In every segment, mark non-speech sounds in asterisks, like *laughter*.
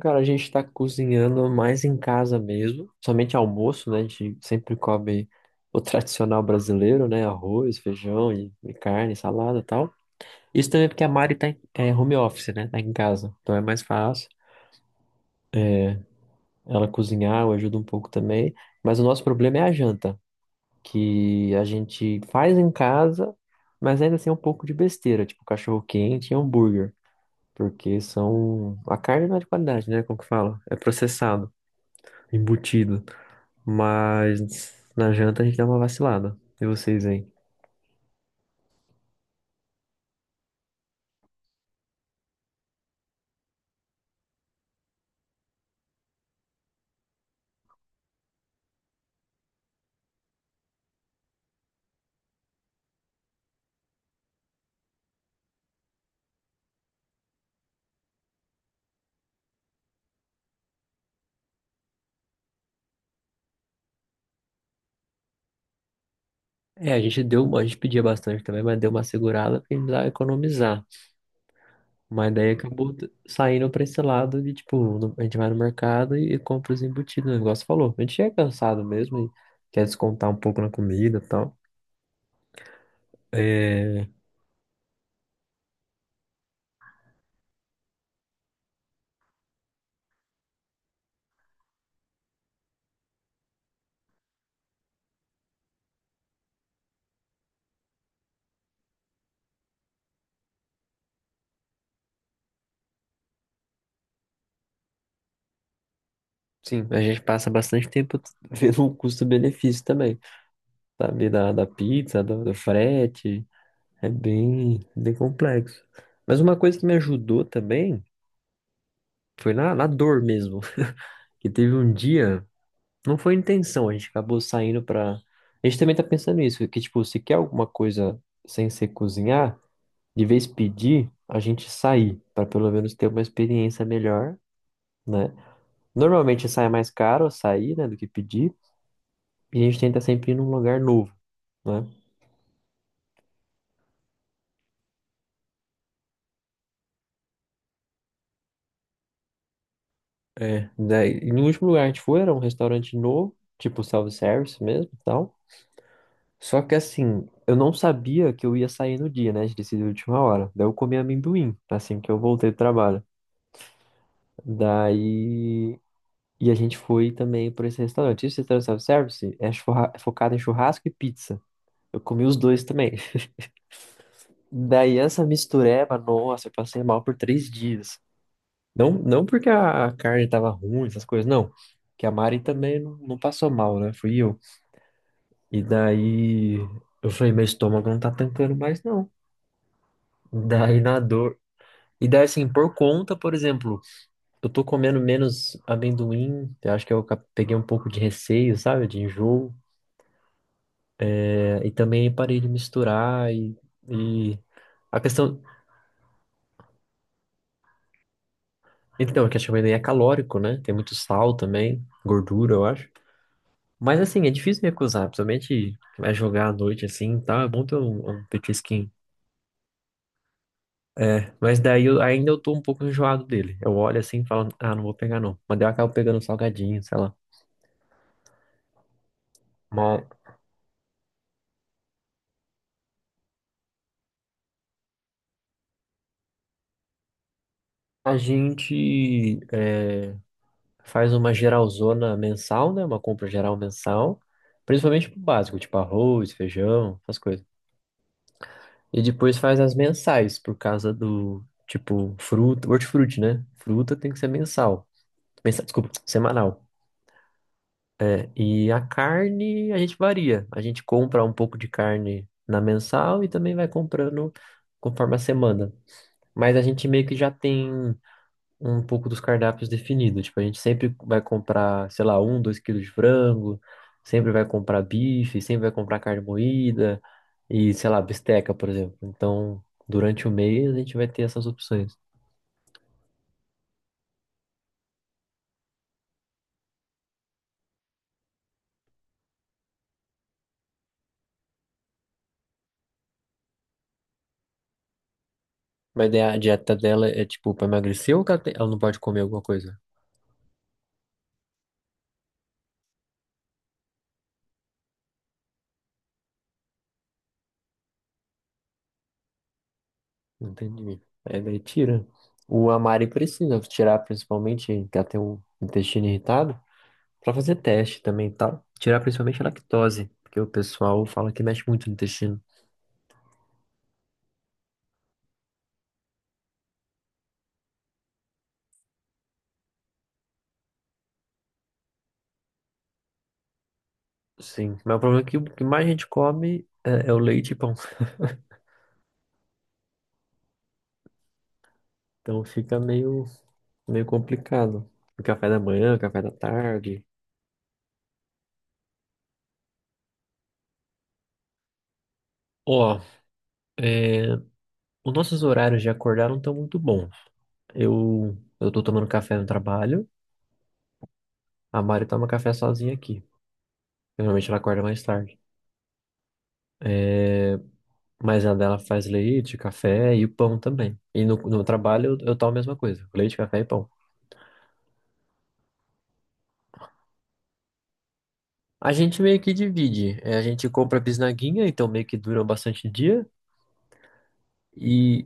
Cara, a gente tá cozinhando mais em casa mesmo, somente almoço, né? A gente sempre come o tradicional brasileiro, né? Arroz, feijão e carne, salada e tal. Isso também porque a Mari é home office, né? Tá em casa, então é mais fácil ela cozinhar, eu ajudo um pouco também. Mas o nosso problema é a janta, que a gente faz em casa, mas ainda assim é um pouco de besteira, tipo cachorro quente e hambúrguer, A carne não é de qualidade, né? Como que fala? É processado, embutido. Mas na janta a gente dá uma vacilada. E vocês, hein? É, a gente pedia bastante também, mas deu uma segurada porque a gente precisava economizar. Mas daí acabou saindo pra esse lado de, tipo, a gente vai no mercado e compra os embutidos, o negócio falou. A gente chega cansado mesmo e quer descontar um pouco na comida e tal. É, sim, a gente passa bastante tempo *laughs* vendo o custo-benefício também, sabe? Da pizza, do frete, é bem complexo. Mas uma coisa que me ajudou também. Foi na dor mesmo. Que teve um dia, não foi intenção, a gente acabou saindo pra. A gente também tá pensando nisso, que tipo, se quer alguma coisa sem ser cozinhar, de vez pedir, a gente sair, pra pelo menos ter uma experiência melhor, né? Normalmente sai mais caro sair, né, do que pedir, e a gente tenta sempre ir num lugar novo, né? É. Daí, e no último lugar que a gente foi era um restaurante novo, tipo self-service mesmo e tal. Só que assim, eu não sabia que eu ia sair no dia, né? A gente decidiu de última hora. Daí eu comi amendoim, assim que eu voltei do trabalho. Daí. E a gente foi também por esse restaurante. Esse restaurante self-service é é focado em churrasco e pizza. Eu comi os dois também. *laughs* Daí essa mistureba, nossa, eu passei mal por 3 dias. Não, não porque a carne tava ruim, essas coisas, não. Que a Mari também não passou mal, né? Fui eu. E daí eu falei, meu estômago não tá tancando mais, não. Daí na dor. E daí, assim, por conta, por exemplo, eu tô comendo menos amendoim, eu acho que eu peguei um pouco de receio, sabe, de enjoo, é, e também parei de misturar e a questão. Então, a questão do amendoim é calórico, né? Tem muito sal também, gordura, eu acho. Mas, assim, é difícil me acusar, principalmente vai jogar à noite, assim, tá tal, é bom ter um petisquinho. É, mas daí eu, ainda eu tô um pouco enjoado dele. Eu olho assim e falo, ah, não vou pegar não. Mas daí eu acabo pegando um salgadinho, sei lá. A gente faz uma geralzona mensal, né? Uma compra geral mensal, principalmente pro básico, tipo arroz, feijão, essas coisas. E depois faz as mensais, por causa do, tipo, fruta, hortifruti, né? Fruta tem que ser mensal. Desculpa, semanal. Né? E a carne, a gente varia. A gente compra um pouco de carne na mensal e também vai comprando conforme a semana. Mas a gente meio que já tem um pouco dos cardápios definidos. Tipo, a gente sempre vai comprar, sei lá, um, 2 quilos de frango, sempre vai comprar bife, sempre vai comprar carne moída e, sei lá, bisteca, por exemplo. Então, durante o mês a gente vai ter essas opções. Mas daí a dieta dela é tipo pra emagrecer ou que ela, ela não pode comer alguma coisa? Entendi. Aí daí tira. O Amari precisa tirar principalmente, que ela tem o intestino irritado, pra fazer teste também e tal. Tirar principalmente a lactose, porque o pessoal fala que mexe muito no intestino. Sim, mas o problema é que o que mais a gente come é o leite e pão. Então fica meio complicado. O café da manhã, o café da tarde. Ó, é, os nossos horários de acordar não estão muito bons. Eu tô tomando café no trabalho, a Mari toma café sozinha aqui. Normalmente ela acorda mais tarde. É, mas a dela faz leite, café e o pão também. E no trabalho eu tomo a mesma coisa, leite, café e pão. A gente meio que divide. É, a gente compra bisnaguinha, então meio que dura bastante dia. E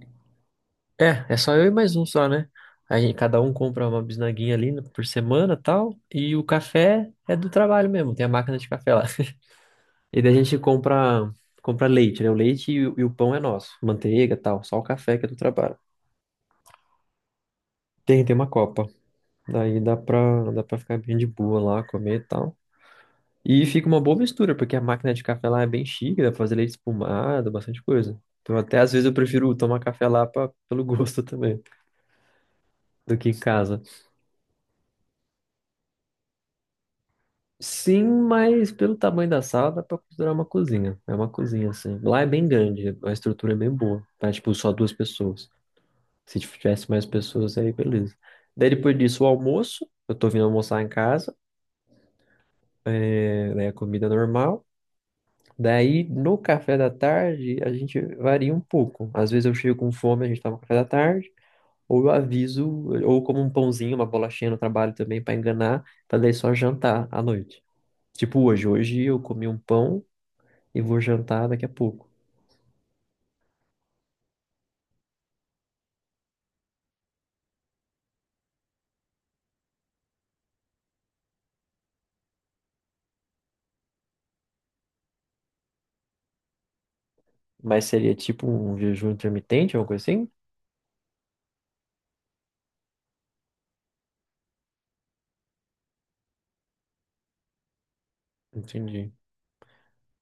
é só eu e mais um só, né? A gente, cada um compra uma bisnaguinha ali por semana, tal, e o café é do trabalho mesmo, tem a máquina de café lá. *laughs* E daí a gente compra leite, né? O leite e o pão é nosso, manteiga, tal, só o café que é do trabalho. Tem uma copa. Daí dá para ficar bem de boa lá, comer e tal. E fica uma boa mistura, porque a máquina de café lá é bem chique, dá pra fazer leite espumado, bastante coisa. Então até às vezes eu prefiro tomar café lá pra, pelo *laughs* gosto também, do que em casa. Sim, mas pelo tamanho da sala dá pra considerar uma cozinha. É uma cozinha, assim. Lá é bem grande, a estrutura é bem boa. Pra, tipo, só duas pessoas. Se tivesse mais pessoas, aí beleza. Daí depois disso, o almoço. Eu tô vindo almoçar em casa. É, né, comida normal. Daí, no café da tarde, a gente varia um pouco. Às vezes eu chego com fome, a gente toma café da tarde. Ou eu aviso, ou como um pãozinho, uma bolachinha no trabalho também pra enganar, pra daí só jantar à noite. Tipo hoje eu comi um pão e vou jantar daqui a pouco. Mas seria tipo um jejum intermitente, alguma coisa assim? Entendi.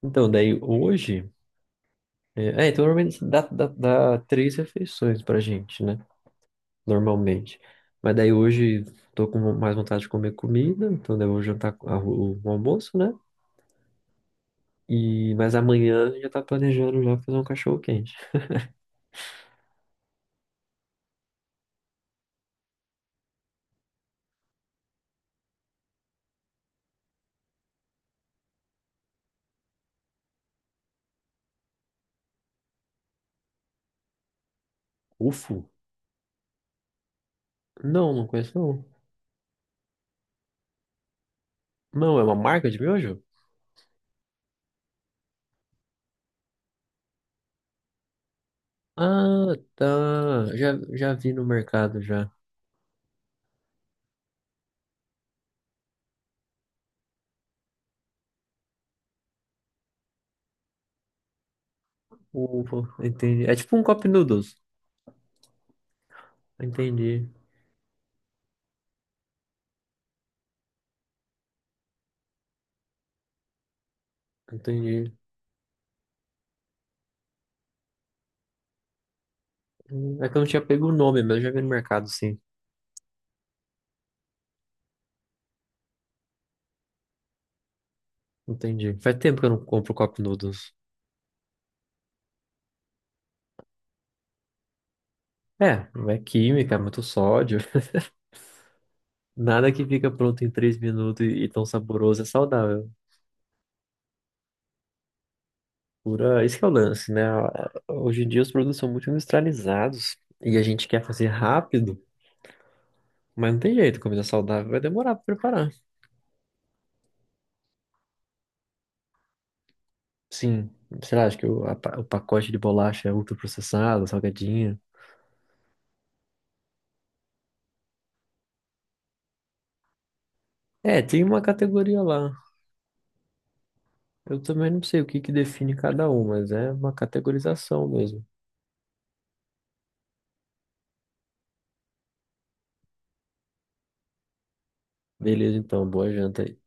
Então, daí hoje. Então normalmente assim, dá três refeições pra gente, né? Normalmente. Mas daí hoje tô com mais vontade de comer comida, então daí eu vou jantar o almoço, né? E, mas amanhã já tá planejando já fazer um cachorro quente. Ufo. Não, não conheço não. Não, é uma marca de miojo? Ah, tá. Já vi no mercado já. Ufa, entendi. É tipo um cup noodles. Entendi, entendi. É que eu não tinha pego o nome, mas eu já vi no mercado, sim. Entendi. Faz tempo que eu não compro cup noodles. É, não é química, é muito sódio. *laughs* Nada que fica pronto em 3 minutos e tão saboroso é saudável. Esse que é o lance, né? Hoje em dia os produtos são muito industrializados e a gente quer fazer rápido, mas não tem jeito, comida saudável vai demorar pra preparar. Sim, sei lá, acho que o pacote de bolacha é ultraprocessado, salgadinho. É, tem uma categoria lá. Eu também não sei o que que define cada um, mas é uma categorização mesmo. Beleza, então, boa janta aí.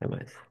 Até mais.